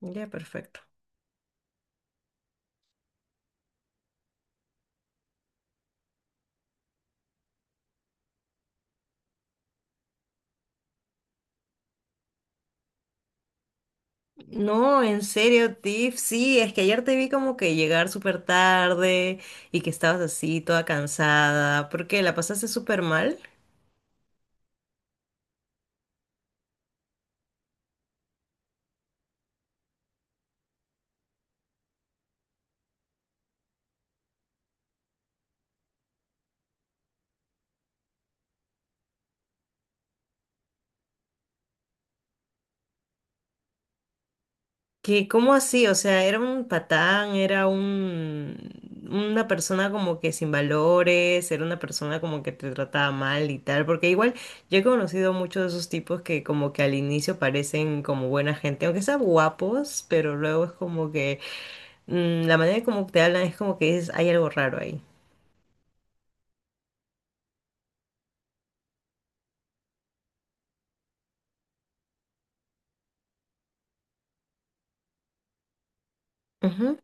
Ya, perfecto. No, en serio, Tiff, sí, es que ayer te vi como que llegar súper tarde y que estabas así toda cansada. ¿Por qué? ¿La pasaste súper mal? ¿Qué? ¿Cómo así? O sea, era un patán, una persona como que sin valores, era una persona como que te trataba mal y tal, porque igual yo he conocido muchos de esos tipos que como que al inicio parecen como buena gente, aunque sean guapos, pero luego es como que la manera como te hablan es como que hay algo raro ahí. Ujú.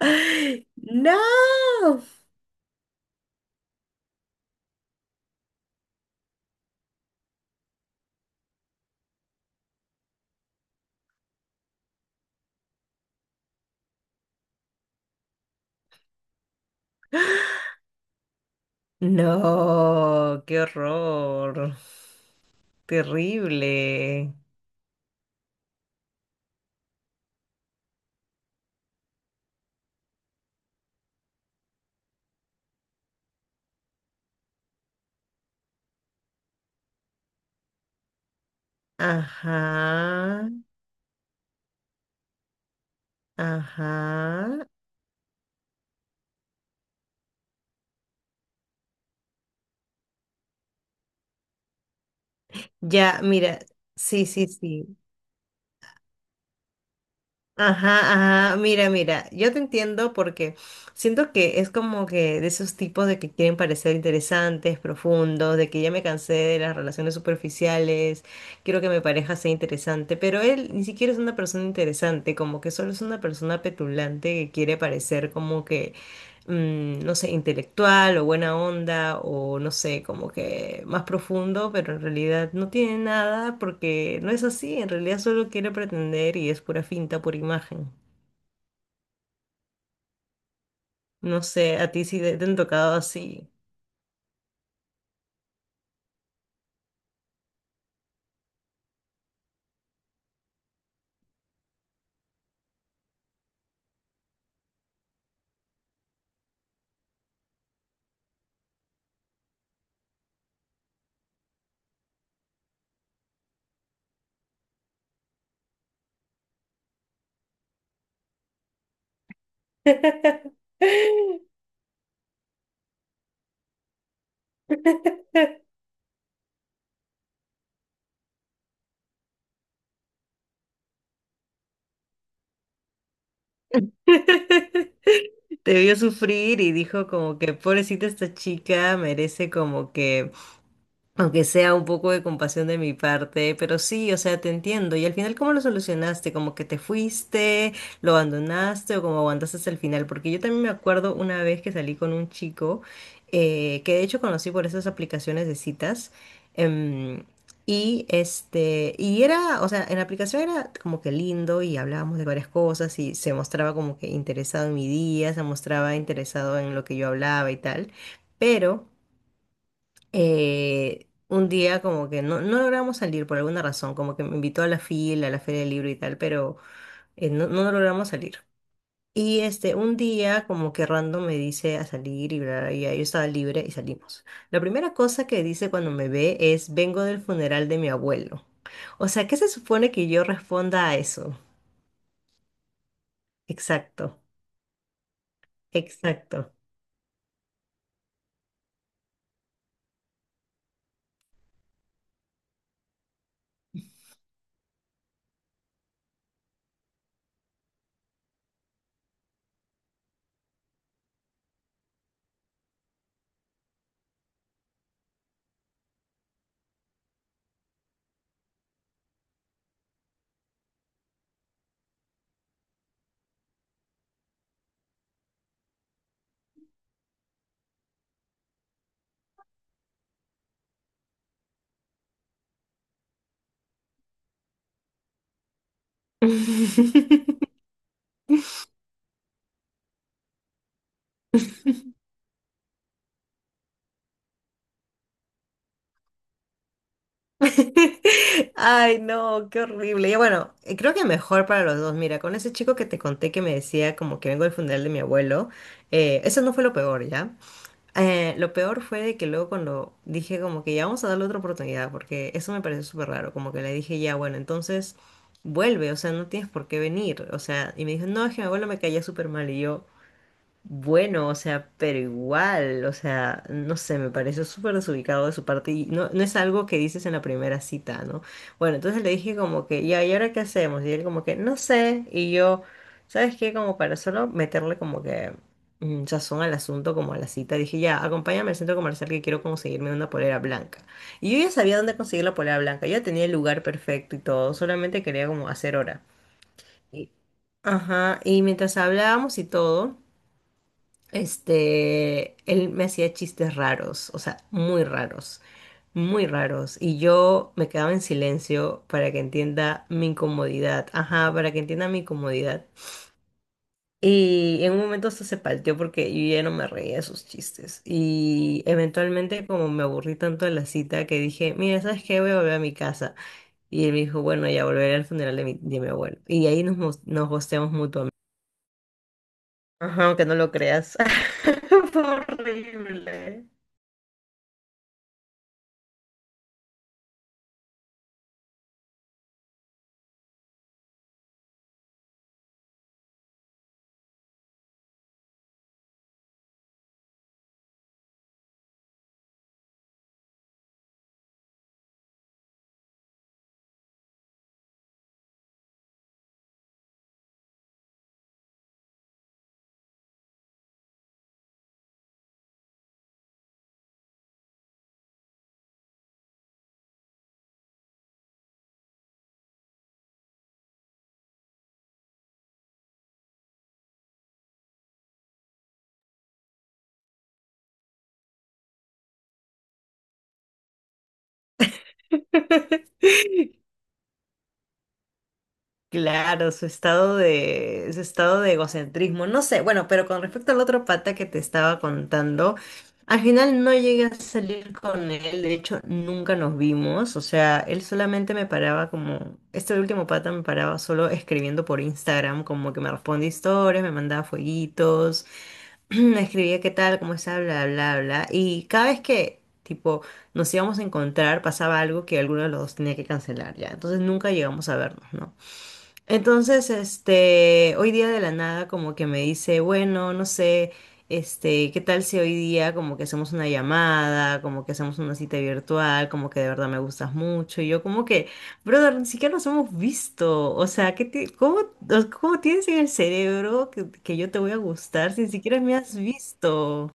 ¡No! No, qué horror, terrible. Ajá. Ajá. Ya, mira, sí, sí, sí. Ajá, ajá, mira, mira, yo te entiendo porque siento que es como que de esos tipos de que quieren parecer interesantes, profundos, de que ya me cansé de las relaciones superficiales, quiero que mi pareja sea interesante, pero él ni siquiera es una persona interesante, como que solo es una persona petulante que quiere parecer como que no sé, intelectual o buena onda o no sé, como que más profundo, pero en realidad no tiene nada porque no es así, en realidad solo quiere pretender y es pura finta, pura imagen. No sé, a ti sí te han tocado así. Te vio sufrir y dijo como que pobrecita esta chica merece como que aunque sea un poco de compasión de mi parte, pero sí, o sea, te entiendo. Y al final, ¿cómo lo solucionaste? ¿Como que te fuiste, lo abandonaste o como aguantaste hasta el final? Porque yo también me acuerdo una vez que salí con un chico que de hecho conocí por esas aplicaciones de citas. em, o sea, en la aplicación era como que lindo y hablábamos de varias cosas y se mostraba como que interesado en mi día, se mostraba interesado en lo que yo hablaba y tal. Pero un día como que no logramos salir por alguna razón, como que me invitó a a la feria del libro y tal, pero no logramos salir. Y este, un día como que random me dice a salir y bla, bla, y ya yo estaba libre y salimos. La primera cosa que dice cuando me ve es, vengo del funeral de mi abuelo. O sea, ¿qué se supone que yo responda a eso? Exacto, exacto. Ay, no, qué horrible. Y bueno, creo que mejor para los dos. Mira, con ese chico que te conté que me decía como que vengo del funeral de mi abuelo, eso no fue lo peor, ¿ya? Lo peor fue de que luego cuando dije como que ya vamos a darle otra oportunidad, porque eso me pareció súper raro, como que le dije ya, bueno, entonces vuelve, o sea, no tienes por qué venir, o sea, y me dijo, no, es que mi abuelo me caía súper mal y yo... Bueno, o sea, pero igual, o sea, no sé, me pareció súper desubicado de su parte y no es algo que dices en la primera cita, ¿no? Bueno, entonces le dije como que, ya, ¿y ahora qué hacemos? Y él como que, no sé, y yo, ¿sabes qué? Como para solo meterle como que sazón al asunto, como a la cita, dije, ya, acompáñame al centro comercial que quiero conseguirme una polera blanca. Y yo ya sabía dónde conseguir la polera blanca, yo ya tenía el lugar perfecto y todo, solamente quería como hacer hora. Y- Ajá, y mientras hablábamos y todo. Este, él me hacía chistes raros, o sea, muy raros, muy raros. Y yo me quedaba en silencio para que entienda mi incomodidad. Ajá, para que entienda mi incomodidad. Y en un momento esto se palteó porque yo ya no me reía de sus chistes. Y eventualmente como me aburrí tanto de la cita que dije, mira, ¿sabes qué? Voy a volver a mi casa. Y él me dijo, bueno, ya volveré al funeral de mi abuelo. Y ahí nos gosteamos mutuamente. Ajá, aunque no lo creas. Fue horrible. Claro, su estado de egocentrismo, no sé, bueno, pero con respecto al otro pata que te estaba contando, al final no llegué a salir con él, de hecho nunca nos vimos, o sea, él solamente me paraba como, este último pata me paraba solo escribiendo por Instagram, como que me respondía historias, me mandaba fueguitos. Escribía qué tal, cómo está, bla, bla, bla. Y cada vez que, tipo, nos íbamos a encontrar, pasaba algo que alguno de los dos tenía que cancelar, ya. Entonces nunca llegamos a vernos, ¿no? Entonces, este, hoy día de la nada como que me dice, bueno, no sé, este, ¿qué tal si hoy día como que hacemos una llamada, como que hacemos una cita virtual, como que de verdad me gustas mucho? Y yo como que, brother, ni siquiera nos hemos visto, o sea, ¿cómo, cómo tienes en el cerebro que yo te voy a gustar si ni siquiera me has visto?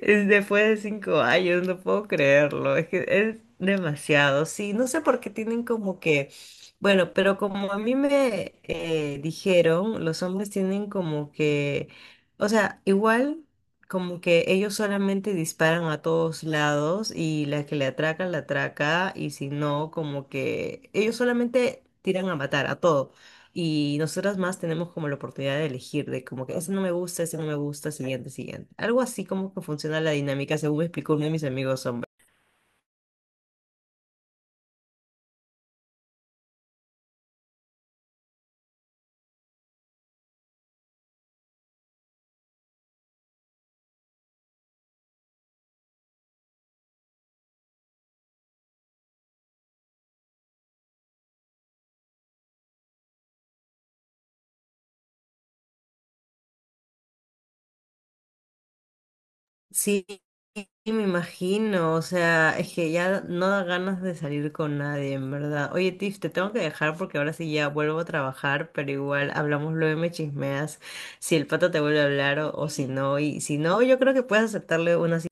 Es Después de 5 años, no puedo creerlo. Es que es demasiado. Sí, no sé por qué tienen como que, bueno, pero como a mí me dijeron, los hombres tienen como que, o sea, igual como que ellos solamente disparan a todos lados y la que le atraca, la atraca y si no, como que ellos solamente tiran a matar a todo. Y nosotras más tenemos como la oportunidad de elegir, de como que ese no me gusta, ese no me gusta, siguiente, siguiente. Algo así como que funciona la dinámica, según me explicó uno de mis amigos hombres. Sí, me imagino, o sea, es que ya no da ganas de salir con nadie, en verdad. Oye, Tiff, te tengo que dejar porque ahora sí ya vuelvo a trabajar, pero igual hablamos luego y me chismeas si el pato te vuelve a hablar o si no. Y si no, yo creo que puedes aceptarle una cita.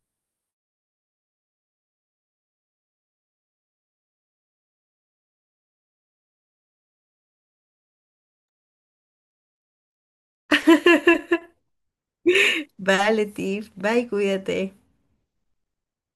Vale, Tiff, bye, cuídate.